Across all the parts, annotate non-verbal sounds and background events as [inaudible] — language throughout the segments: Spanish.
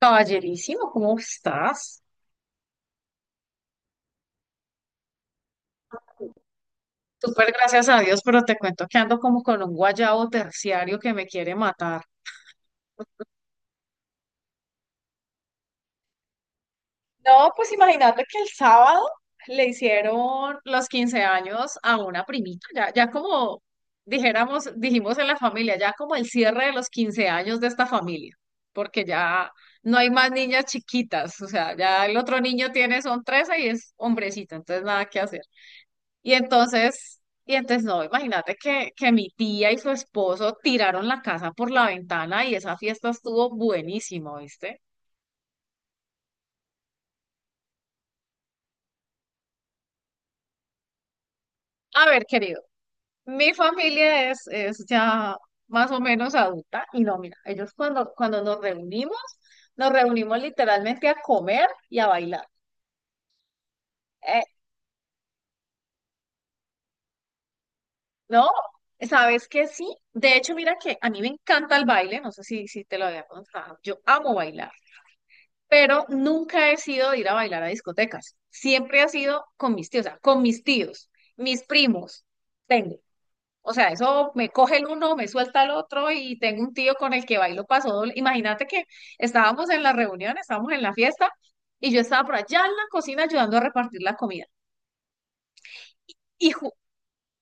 Caballerísimo, ¿cómo estás? Súper gracias a Dios, pero te cuento que ando como con un guayabo terciario que me quiere matar. No, pues imagínate que el sábado le hicieron los 15 años a una primita, ya como dijimos en la familia, ya como el cierre de los 15 años de esta familia, porque ya no hay más niñas chiquitas, o sea, ya el otro niño tiene, son 13 y es hombrecito, entonces nada que hacer. Y entonces, y entonces no, imagínate que mi tía y su esposo tiraron la casa por la ventana y esa fiesta estuvo buenísimo, ¿viste? A ver, querido, mi familia es ya más o menos adulta y no, mira, ellos cuando nos reunimos literalmente a comer y a bailar. Eh, ¿No? ¿Sabes qué? Sí. De hecho, mira que a mí me encanta el baile, no sé si te lo había contado, yo amo bailar. Pero nunca he sido de ir a bailar a discotecas. Siempre ha sido con mis tíos, o sea, con mis tíos, mis primos, tengo. O sea, eso me coge el uno, me suelta el otro y tengo un tío con el que bailo paso doble. Imagínate que estábamos en la reunión, estábamos en la fiesta y yo estaba por allá en la cocina ayudando a repartir la comida. Y, ju-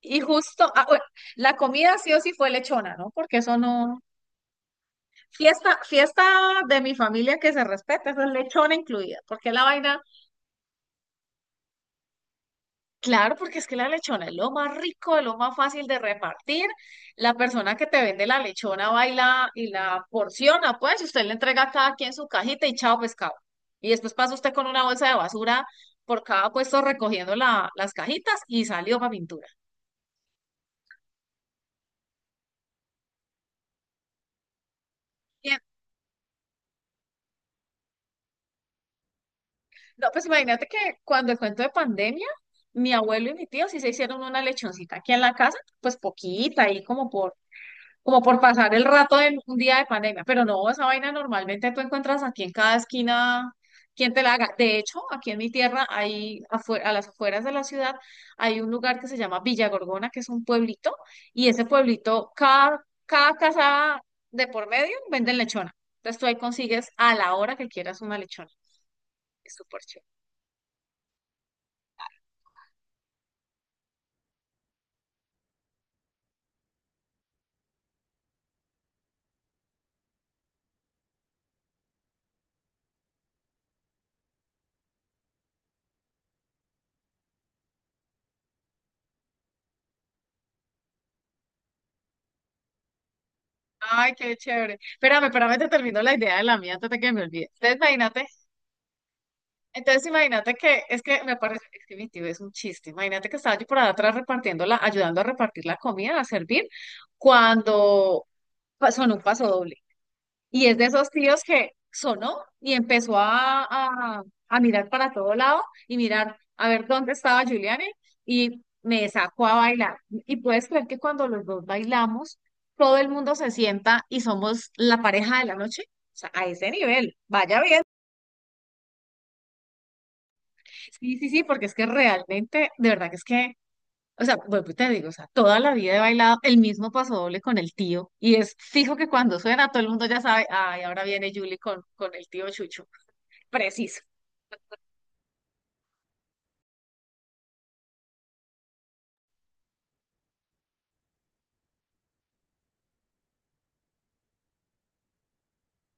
y justo, ah, bueno, la comida sí o sí fue lechona, ¿no? Porque eso no... Fiesta, fiesta de mi familia que se respeta, eso es lechona incluida, porque la vaina... Claro, porque es que la lechona es lo más rico, es lo más fácil de repartir. La persona que te vende la lechona va y la porciona, pues, y usted le entrega a cada quien su cajita y chao pescado. Y después pasa usted con una bolsa de basura por cada puesto recogiendo las cajitas y salió para pintura. Bien. No, pues imagínate que cuando el cuento de pandemia, mi abuelo y mi tío sí se hicieron una lechoncita aquí en la casa, pues poquita, ahí como por pasar el rato de un día de pandemia. Pero no, esa vaina normalmente tú encuentras aquí en cada esquina quien te la haga. De hecho, aquí en mi tierra, hay afuera, a las afueras de la ciudad, hay un lugar que se llama Villa Gorgona, que es un pueblito, y ese pueblito, cada casa de por medio venden lechona. Entonces tú ahí consigues a la hora que quieras una lechona. Es súper chévere. Ay, qué chévere. Espérame, espérame, te termino la idea de la mía antes de que me olvide. Entonces imagínate que, es que me parece, es que mi tío es un chiste, imagínate que estaba yo por allá atrás repartiendo la, ayudando a repartir la comida, a servir, cuando sonó un paso doble. Y es de esos tíos que sonó y empezó a mirar para todo lado y mirar a ver dónde estaba Giuliani y me sacó a bailar. Y puedes creer que cuando los dos bailamos, todo el mundo se sienta y somos la pareja de la noche, o sea, a ese nivel, vaya bien. Sí, sí, sí, porque es que realmente, de verdad que es que, o sea, vuelvo y te digo, o sea, toda la vida he bailado el mismo paso doble con el tío, y es fijo que cuando suena todo el mundo ya sabe, ay, ahora viene Julie con el tío Chucho. Preciso.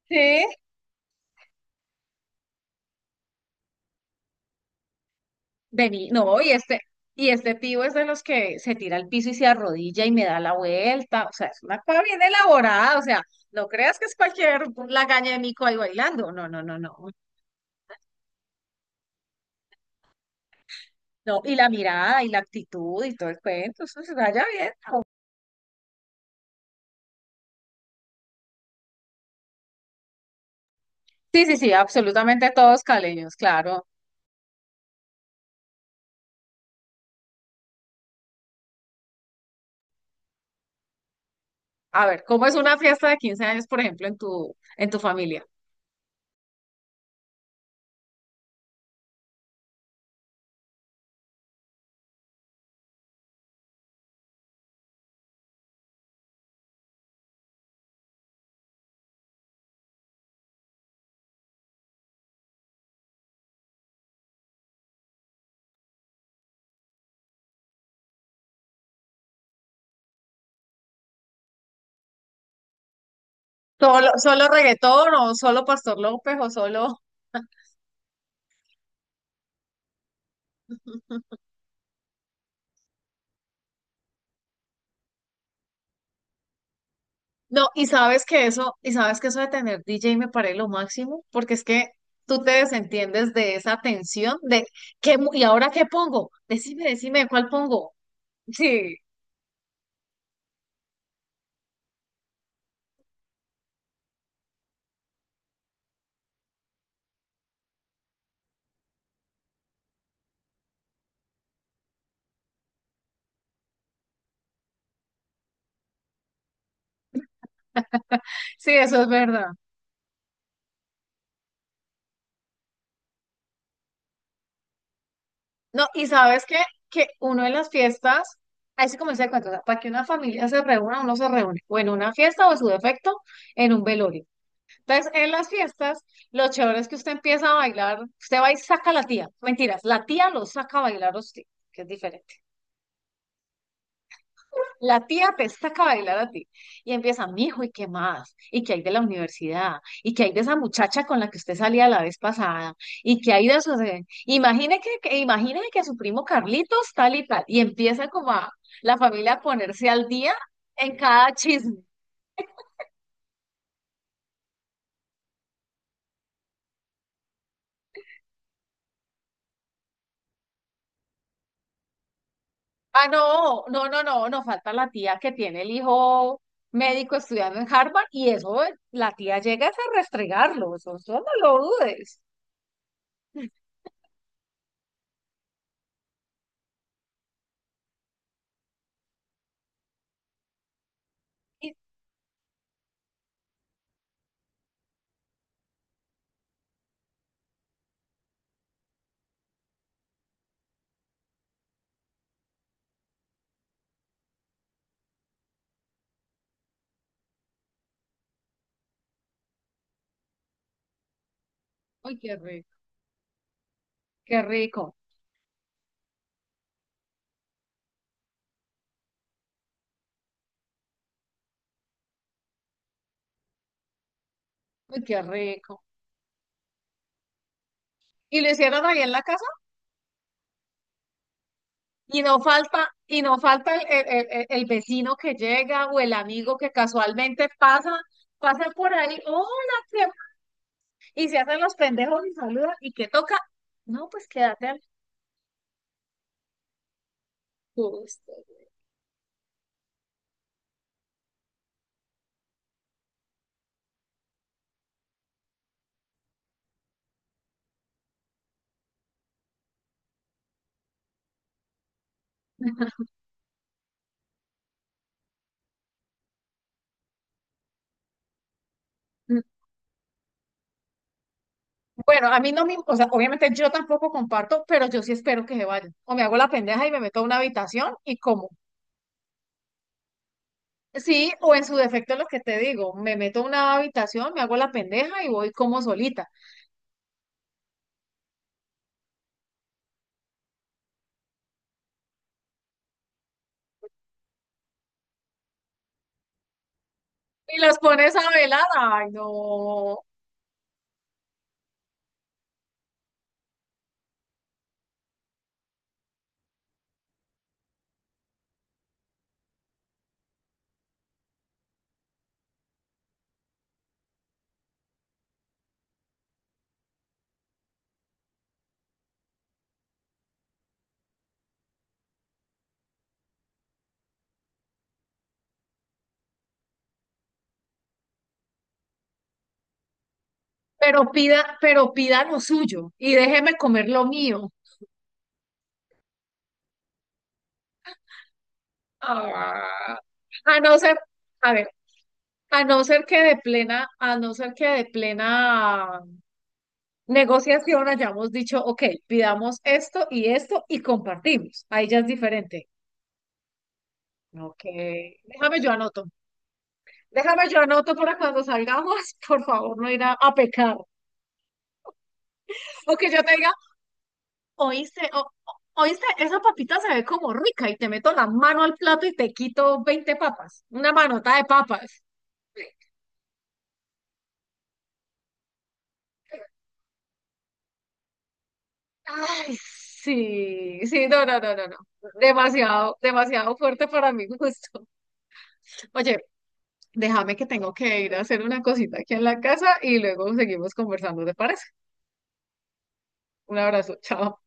Sí. Vení, no, y este tío es de los que se tira al piso y se arrodilla y me da la vuelta, o sea, es una cosa bien elaborada, o sea, no creas que es cualquier lagaña de mico ahí bailando, no, no, no, no, no, y la mirada y la actitud y todo el cuento, eso se vaya bien. Sí, sí, sí, absolutamente todos caleños, claro. A ver, ¿cómo es una fiesta de 15 años, por ejemplo, en tu familia? ¿Solo, solo reggaetón o solo Pastor López o solo... No, y sabes que eso, de tener DJ me parece lo máximo, porque es que tú te desentiendes de esa tensión de ¿qué, y ahora qué pongo? Decime, decime, ¿cuál pongo? [laughs] Sí, sí, eso es verdad. No, ¿y sabes qué? Que uno en las fiestas, ahí se comienza el cuento, o sea, para que una familia se reúna, uno se reúne, o en una fiesta o en su defecto, en un velorio. Entonces, en las fiestas, lo chévere es que usted empieza a bailar, usted va y saca a la tía, mentiras, la tía lo saca a bailar a usted, que es diferente. La tía te saca a bailar a ti y empieza, mijo, ¿y qué más? ¿Y qué hay de la universidad? ¿Y qué hay de esa muchacha con la que usted salía la vez pasada? ¿Y qué hay de eso? Imagine que su primo Carlitos tal y tal. Y empieza como a la familia a ponerse al día en cada chisme. Ah, no, no, no, no, no falta la tía que tiene el hijo médico estudiando en Harvard y eso, la tía llega es a restregarlo, eso no lo dudes. Y- Uy, qué rico, uy, qué rico. Y lo hicieron ahí en la casa y no falta, el vecino que llega o el amigo que casualmente pasa, pasa por ahí, hola, ¿qué? Y se hacen los pendejos y saludan y que toca, no, pues quédate al gusto. Mm, bueno, a mí no me, o sea, obviamente yo tampoco comparto, pero yo sí espero que se vayan. O me hago la pendeja y me meto a una habitación y como. Sí, o en su defecto lo que te digo, me meto a una habitación, me hago la pendeja y voy como solita. Y los pones a velar. Ay, no. Pero pida lo suyo y déjeme comer lo mío. Ah, a no ser, a ver, a no ser que de plena, a no ser que de plena negociación hayamos dicho, ok, pidamos esto y esto y compartimos. Ahí ya es diferente. Ok, déjame yo anoto. déjame yo anoto para cuando salgamos, [laughs] por favor, no ir a pecar. O que yo te diga, Oíste, o- oíste, esa papita se ve como rica y te meto la mano al plato y te quito 20 papas, una manota de papas. Ay, sí, sí, no, no, no, no, no. Demasiado, demasiado fuerte para mi gusto. Oye, déjame que tengo que ir a hacer una cosita aquí en la casa y luego seguimos conversando, ¿te parece? Un abrazo, chao.